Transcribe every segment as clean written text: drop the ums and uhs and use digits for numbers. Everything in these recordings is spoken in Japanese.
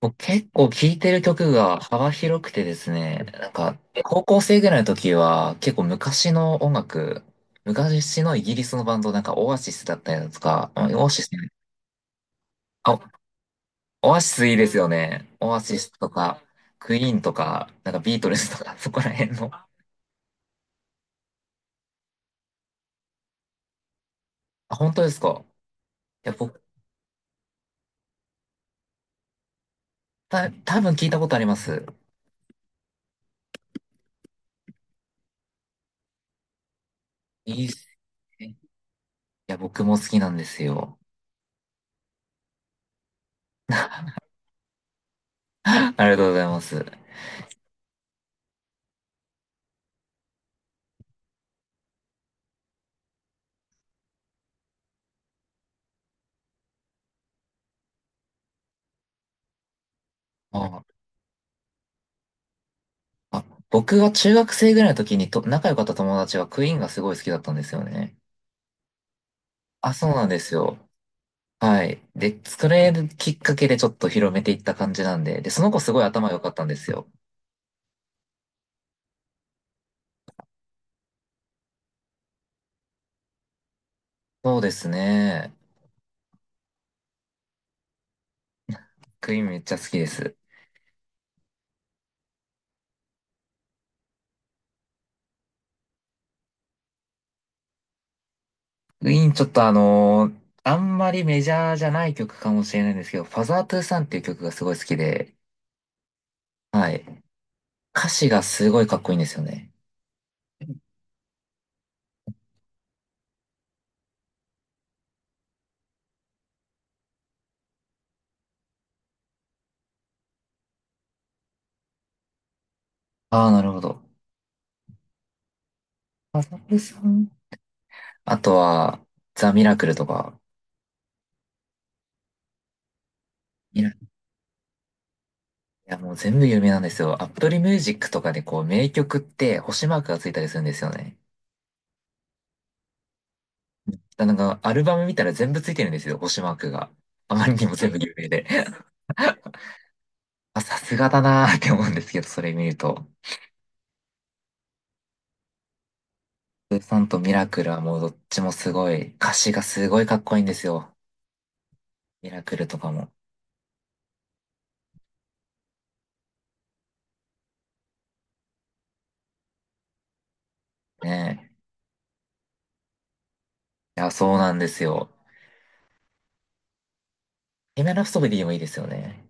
もう結構聴いてる曲が幅広くてですね、なんか、高校生ぐらいの時は結構昔の音楽、昔のイギリスのバンド、なんかオアシスだったりだとか、まあオアシス、あ、オアシスいいですよね。オアシスとか、クイーンとか、なんかビートルズとか、そこら辺の。あ、本当ですか？いや、僕、多分聞いたことあります。いいっすね。いや、僕も好きなんですよ。ありがとうございます。ああ、僕が中学生ぐらいの時にと仲良かった友達がクイーンがすごい好きだったんですよね。あ、そうなんですよ。はい。で、それきっかけでちょっと広めていった感じなんで、で、その子すごい頭良かったんですよ。そうですね。クイーンめっちゃ好きです。クイーンちょっとあんまりメジャーじゃない曲かもしれないんですけど、ファザートゥーサンっていう曲がすごい好きで、はい。歌詞がすごいかっこいいんですよね。ああ、なるほど。ファザートゥーサン。あとは、ザ・ミラクルとか、いや、もう全部有名なんですよ。アップルミュージックとかでこう名曲って星マークがついたりするんですよね。だなんかアルバム見たら全部ついてるんですよ、星マークが。あまりにも全部有名で。あ、さすがだなーって思うんですけど、それ見ると。スーさんとミラクルはもうどっちもすごい、歌詞がすごいかっこいいんですよ。ミラクルとかも。ねえ。いや、そうなんですよ。エメラストビディもいいですよね。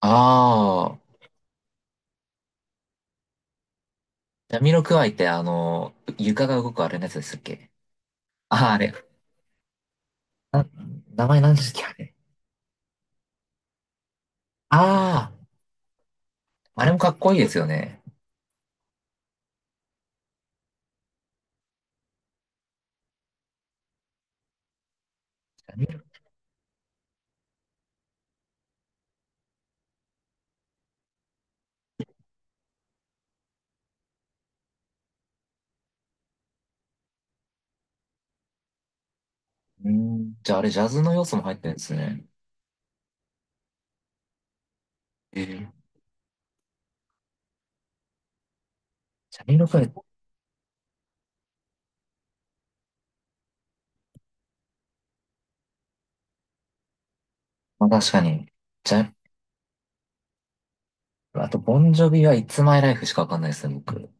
ああ、ジャミロクワイってあの、床が動くあれのやつですっけ？ああー、あれ。名前なんですっけ、あれ？ああ、あれもかっこいいですよね。ジャミロうーん、じゃああれジャズの要素も入ってるんですね。えー、ジャミロクエ。まあ、確かに。ジャ、あと、ボンジョビはいつ y l ライフしかわかんないですね、僕。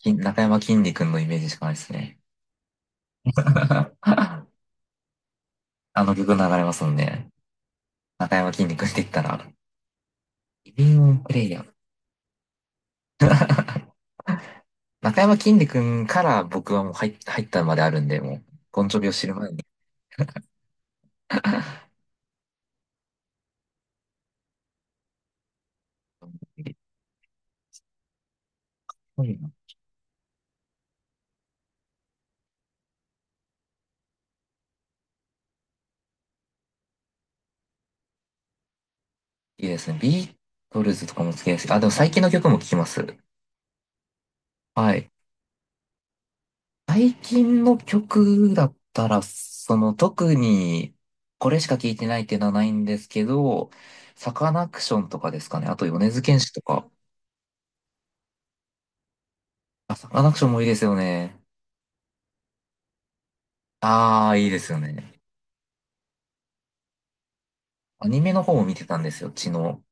中山きんに君のイメージしかないですね。あの曲流れますもんね。中山きんに君って言ったら、イビングプレイヤー。中山きんに君から僕はもう入ったまであるんで、もう、ボンジョビを知る前に。いいですね。ビートルズとかも好きですし。あ、でも最近の曲も聴きます。はい。最近の曲だったら、その特にこれしか聴いてないっていうのはないんですけど、サカナクションとかですかね。あと米津玄師とか。あ、サカナクションもいいですよね。ああ、いいですよね。アニメの方も見てたんですよ、血の。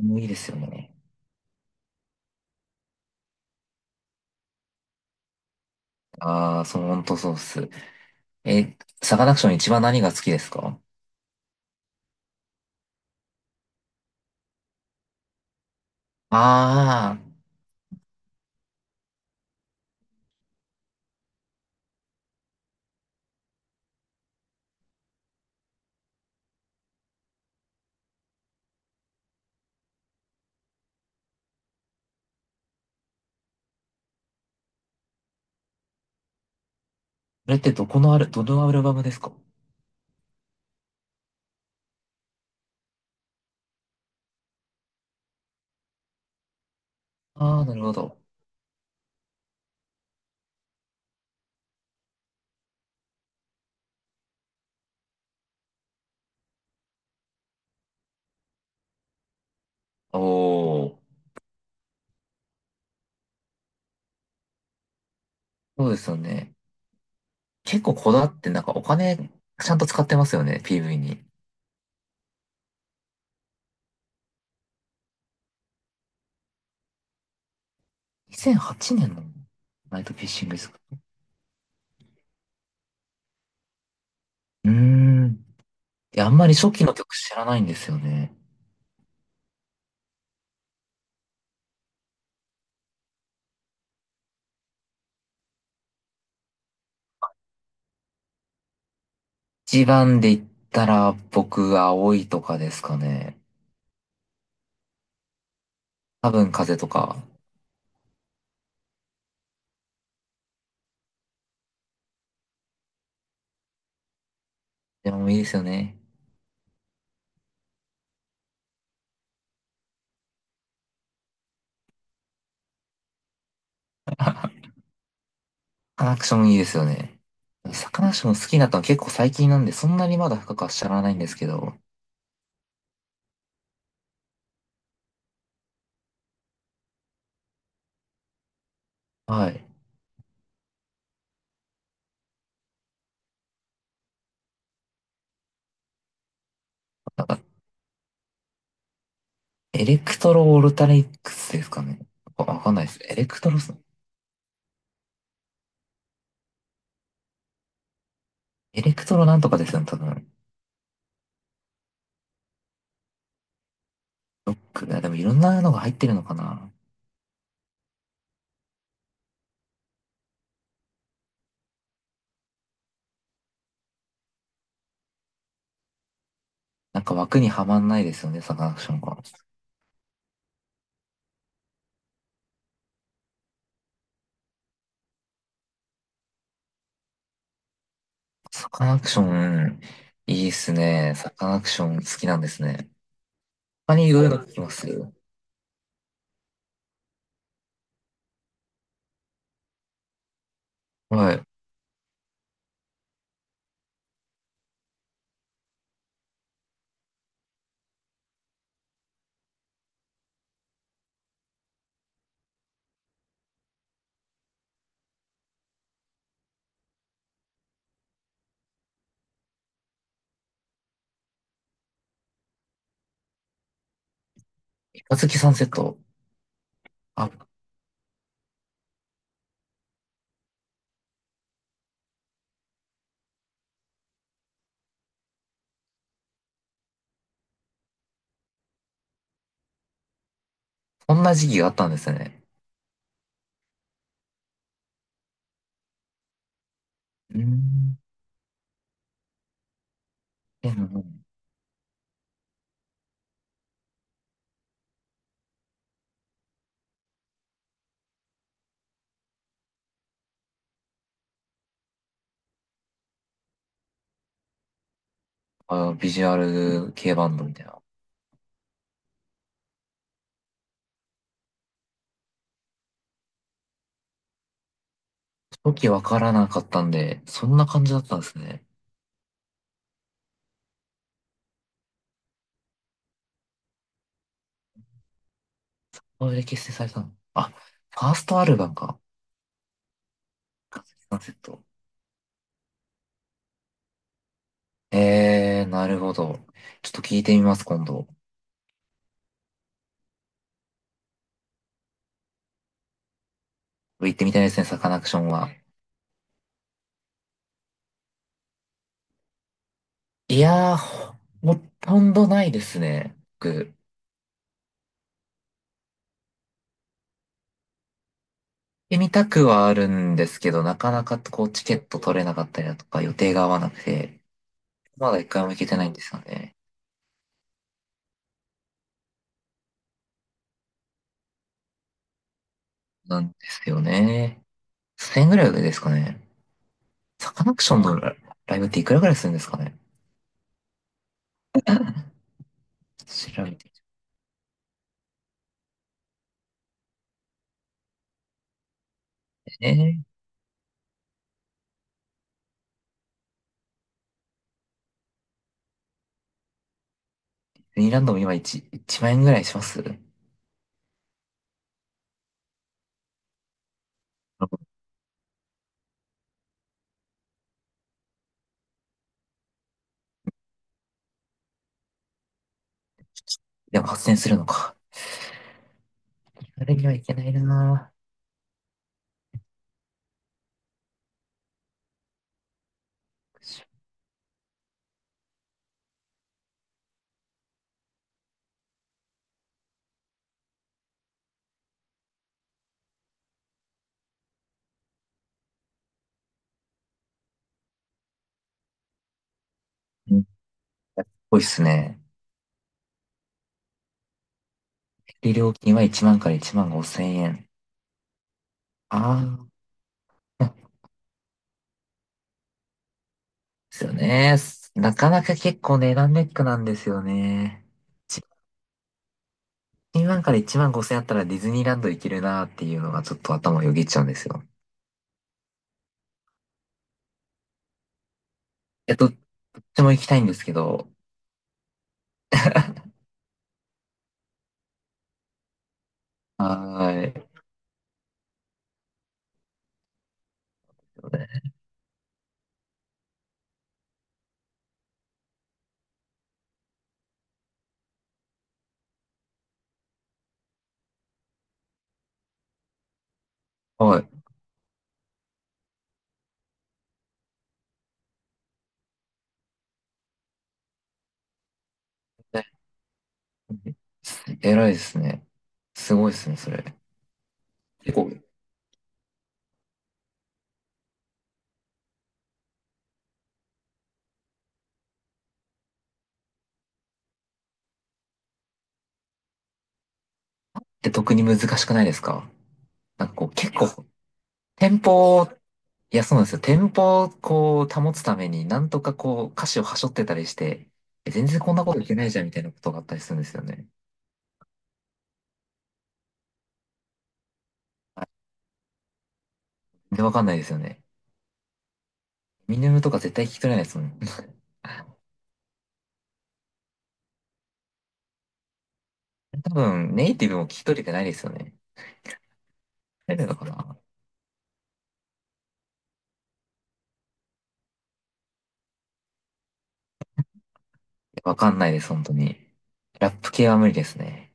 もういいですよね。ああ、そう、ほんとそうっす。え、サカナクション一番何が好きですか？ああー、それってどこのある、どのアルバムですか？ああー、なるほど。おー、そうですよね。結構こだわってなんかお金ちゃんと使ってますよね、PV に。2008年のナイトフィッシングですか？うーん。いや、あんまり初期の曲知らないんですよね。一番で言ったら僕、青いとかですかね。多分風とか。でもいいですよね。サカナクションいいですよね。サカナクション好きになったの結構最近なんで、そんなにまだ深くは知らないんですけど。はい。なんか、エレクトロオルタリックスですかね。わかんないです。エレクトロなんとかですよね、多分。ロック、いやでもいろんなのが入ってるのかな。なんか枠にはまんないですよね、サカナクションが。サカナクション、いいっすね。サカナクション好きなんですね。他にいろいろの聞きます？はい。三日月サンセット。あ、こんな時期があったんですね。うーん。え、うん。あ、ビジュアル系バンドみたいな。時わからなかったんで、そんな感じだったんですね。これで結成されたの。あ、ファーストアルバムか。三日月サンセット。なるほど。ちょっと聞いてみます、今度。行ってみたいですね、サカナクションは。いやー、ほとんどないですね。僕、行ってみたくはあるんですけど、なかなかこう、チケット取れなかったりだとか、予定が合わなくて、まだ一回も行けてないんですよね。なんですよね。1000円ぐらいですかね。サカナクションのライブっていくらぐらいするんですかね。調べてね。ディズニーランドも今1、万円ぐらいします。でも、8 0するのか。あれにはいけないなぁ。うんっぽいっすね。で、料金は1万から1万5千円。ああ、ですよね。なかなか結構値段ネックなんですよね。1万から1万5千円あったらディズニーランド行けるなーっていうのがちょっと頭をよぎっちゃうんですよ。どっちも行きたいんですけど。はーい。はい。偉いですね。すごいですね、それ。結構、で、特に難しくないですか？なんかこう、結構、店舗いや、そうなんですよ。テンポをこう保つために、なんとかこう歌詞を端折ってたりして、全然こんなこといけないじゃんみたいなことがあったりするんですよね。で、わかんないですよね。ミネムとか絶対聞き取れないですもん。多分、ネイティブも聞き取れてないですよね。取れのかな。わかんないです、本当に。ラップ系は無理ですね。